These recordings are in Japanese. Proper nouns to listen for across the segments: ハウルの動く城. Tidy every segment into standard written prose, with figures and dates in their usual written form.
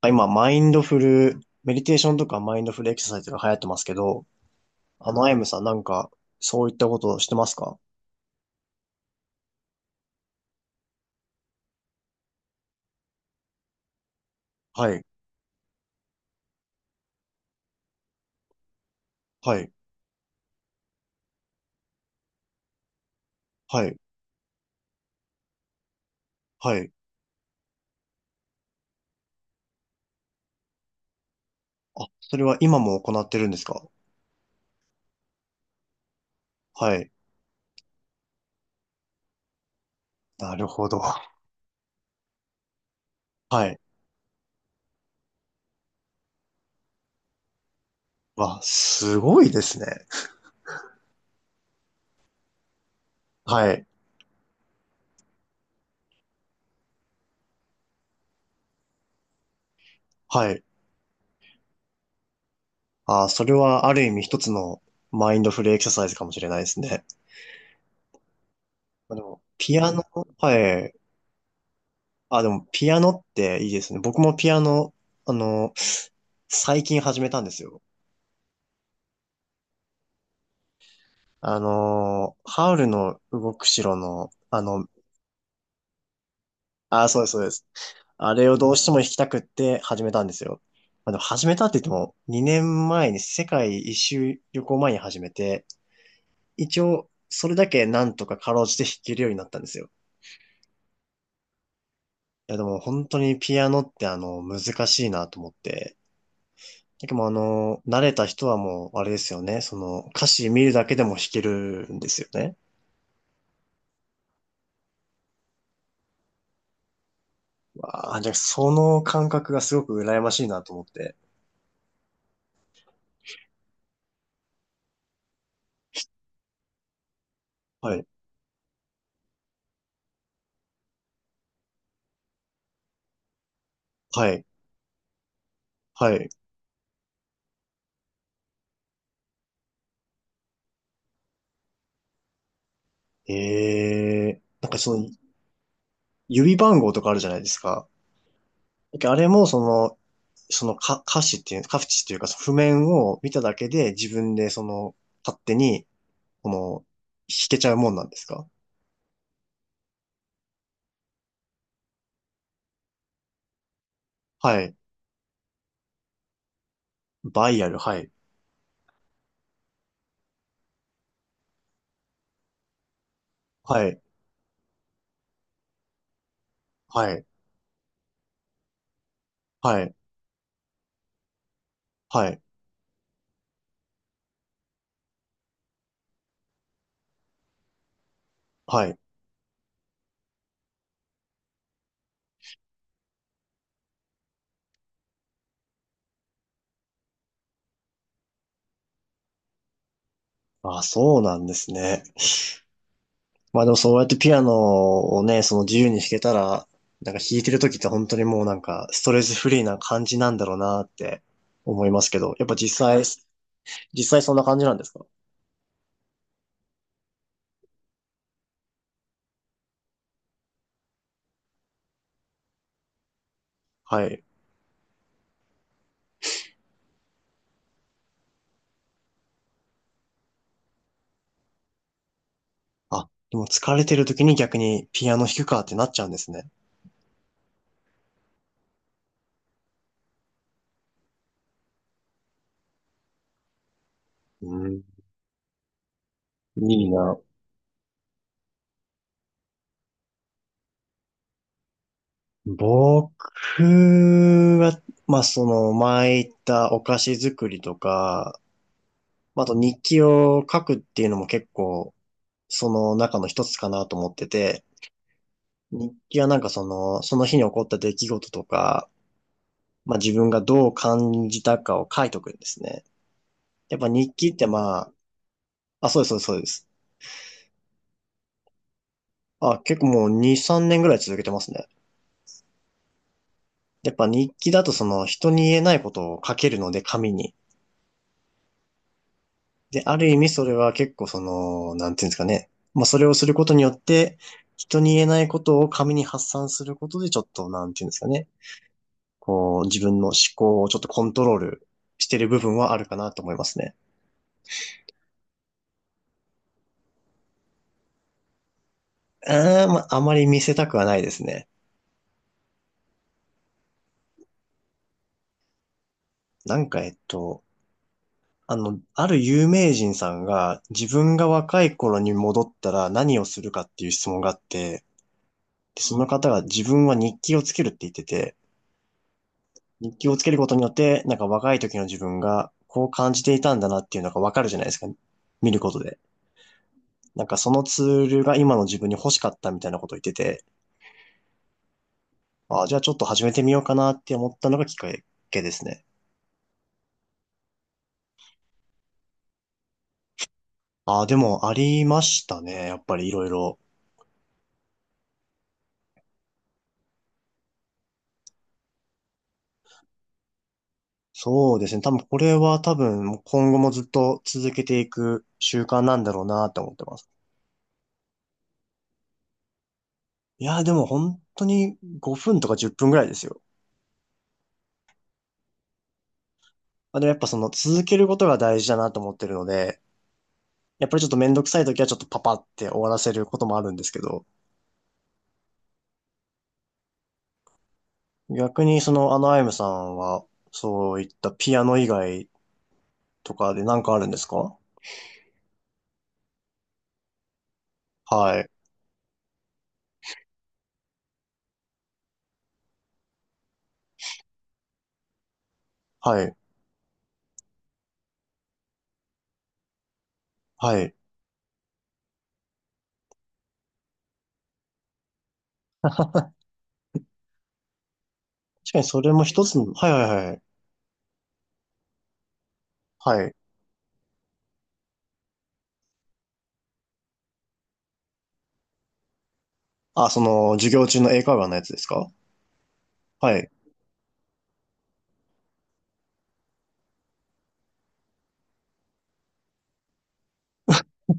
今、マインドフル、メディテーションとかマインドフルエクササイズが流行ってますけど、アイムさんなんか、そういったことをしてますか？はい、はい、はい、はい。あ、それは今も行ってるんですか？はい。なるほど。はい。わ、すごいですね。はい、はい。あ、それはある意味一つのマインドフルエクササイズかもしれないですね。まあでも、ピアノ、はい。あ、でも、ピアノっていいですね。僕もピアノ、あの、最近始めたんですよ。ハウルの動く城の、あー、そうです、そうです。あれをどうしても弾きたくって始めたんですよ。まあ、でも始めたって言っても、2年前に世界一周旅行前に始めて、一応、それだけなんとかかろうじて弾けるようになったんですよ。いや、でも本当にピアノって難しいなと思って。でも慣れた人はもう、あれですよね。歌詞見るだけでも弾けるんですよね。わあ、じゃあその感覚がすごく羨ましいなと思って。はい。はい。はい。なんかその指番号とかあるじゃないですか。なんかあれもその、そのか歌詞っていう、歌詞っていうか、その譜面を見ただけで自分で勝手に、この、弾けちゃうもんなんですか？はい。バイアル、はい。はい。はい。はい。はい。はい。あ、そうなんですね。まあでもそうやってピアノをね、自由に弾けたら、なんか弾いてる時って本当にもうなんかストレスフリーな感じなんだろうなって思いますけど、やっぱ実際そんな感じなんですか？はい。あ、でも疲れてる時に逆にピアノ弾くかってなっちゃうんですね。うん、いいな。僕は、まあその前言ったお菓子作りとか、まあと日記を書くっていうのも結構その中の一つかなと思ってて、日記はなんかその日に起こった出来事とか、まあ自分がどう感じたかを書いとくんですね。やっぱ日記ってまあ、あ、そうです、そうです、そうです。あ、結構もう2、3年ぐらい続けてますね。やっぱ日記だとその人に言えないことを書けるので紙に。で、ある意味それは結構なんていうんですかね。まあそれをすることによって、人に言えないことを紙に発散することでちょっと、なんていうんですかね。自分の思考をちょっとコントロールしてる部分はあるかなと思いますね。うーん、まあ、あまり見せたくはないですね。なんか、ある有名人さんが自分が若い頃に戻ったら何をするかっていう質問があって、で、その方が自分は日記をつけるって言ってて、日記をつけることによって、なんか若い時の自分がこう感じていたんだなっていうのがわかるじゃないですか。見ることで。なんかそのツールが今の自分に欲しかったみたいなことを言ってて、ああ、じゃあちょっと始めてみようかなって思ったのがきっかけですね。ああ、でもありましたね。やっぱりいろいろ。そうですね。多分これは多分今後もずっと続けていく習慣なんだろうなと思ってます。いやー、でも本当に5分とか10分ぐらいですよ。まあ、でもやっぱ続けることが大事だなと思ってるので、やっぱりちょっとめんどくさい時はちょっとパパって終わらせることもあるんですけど、逆にアイムさんはそういったピアノ以外とかで何かあるんですか？はい。はい。はい。確かにそれも一つの、はいはいはい。はい。あ、その授業中の英会話のやつですか？はい。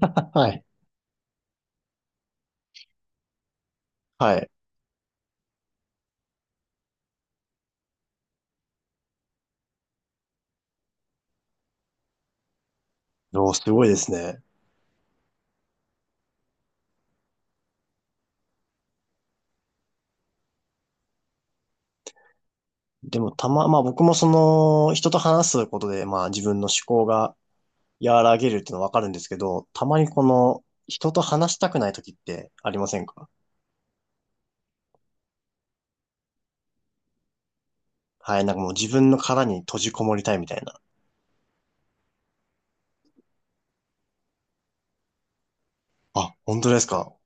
はい。はい。おーすごいですね。でもまあ僕も人と話すことで、まあ自分の思考が和らげるっていうのはわかるんですけど、たまに人と話したくない時ってありませんか？はい。なんかもう自分の殻に閉じこもりたいみたいな。あ、本当ですか？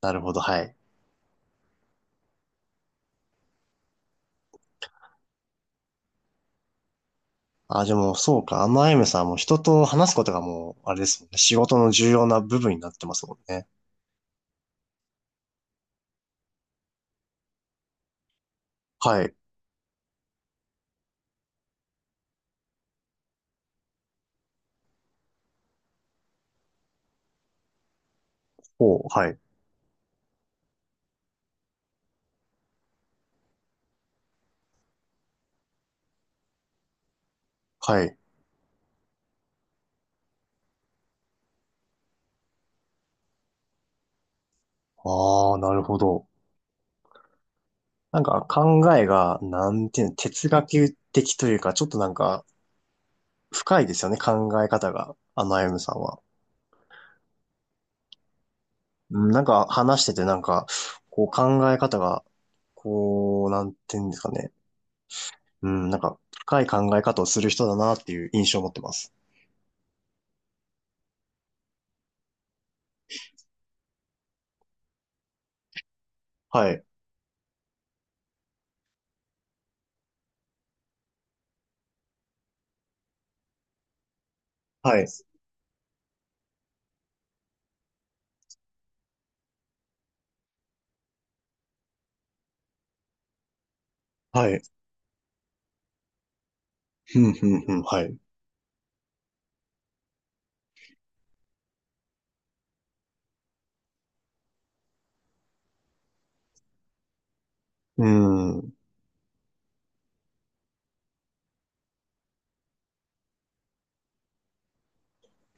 なるほど、はい。あ、でもそうか。アマエムさんはもう人と話すことがもう、あれですもんね。仕事の重要な部分になってますもんね。はい。ほう、はい。はい。ああ、なるほど。なんか考えが、なんていうの、哲学的というか、ちょっとなんか深いですよね、考え方が、あゆむさんは。うんなんか話しててなんか、こう考え方が、なんていうんですかね。うん、なんか深い考え方をする人だなっていう印象を持ってます。はい。はい。はい。ふんふんふん、はい。うん。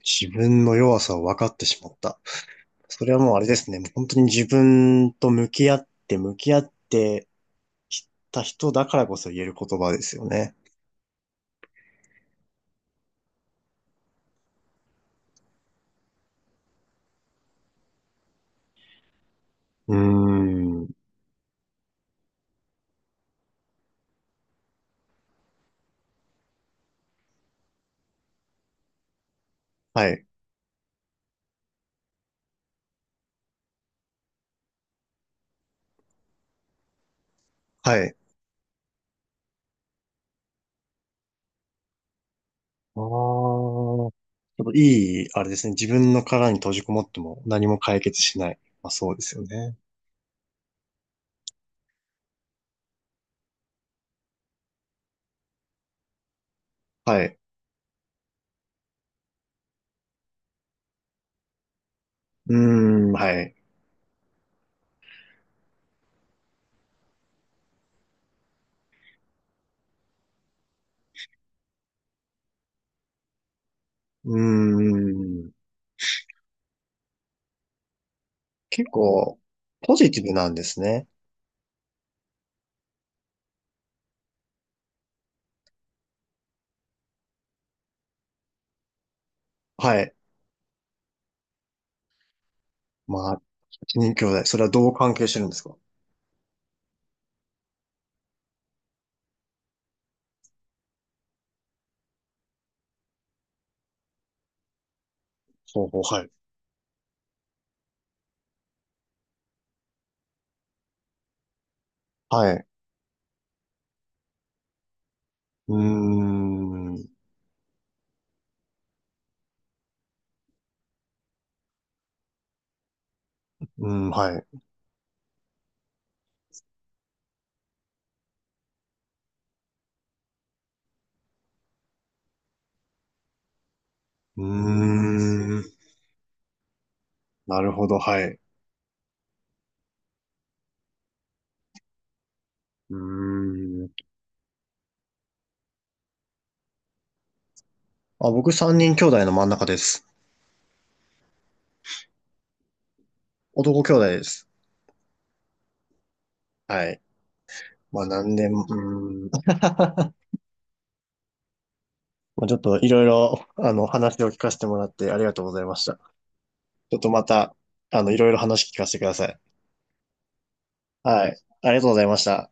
自分の弱さを分かってしまった。それはもうあれですね。もう本当に自分と向き合って、向き合って、知った人だからこそ言える言葉ですよね。うーん。はい。はい。ああ。ちょっといい、あれですね。自分の殻に閉じこもっても何も解決しない。まあそうですよね。はい。うーん、はい。うーん。結構、ポジティブなんですね。はい。まあ、8人兄弟。それはどう関係してるんですか？ほうほう、はい。はい。うーん。うん、はい。うーん。なるほど、はい。うーん。あ、僕三人兄弟の真ん中です。男兄弟です。はい。まあ何年、うーん。まあちょっといろいろ、話を聞かせてもらってありがとうございました。ちょっとまた、いろいろ話聞かせてください。はい。ありがとうございました。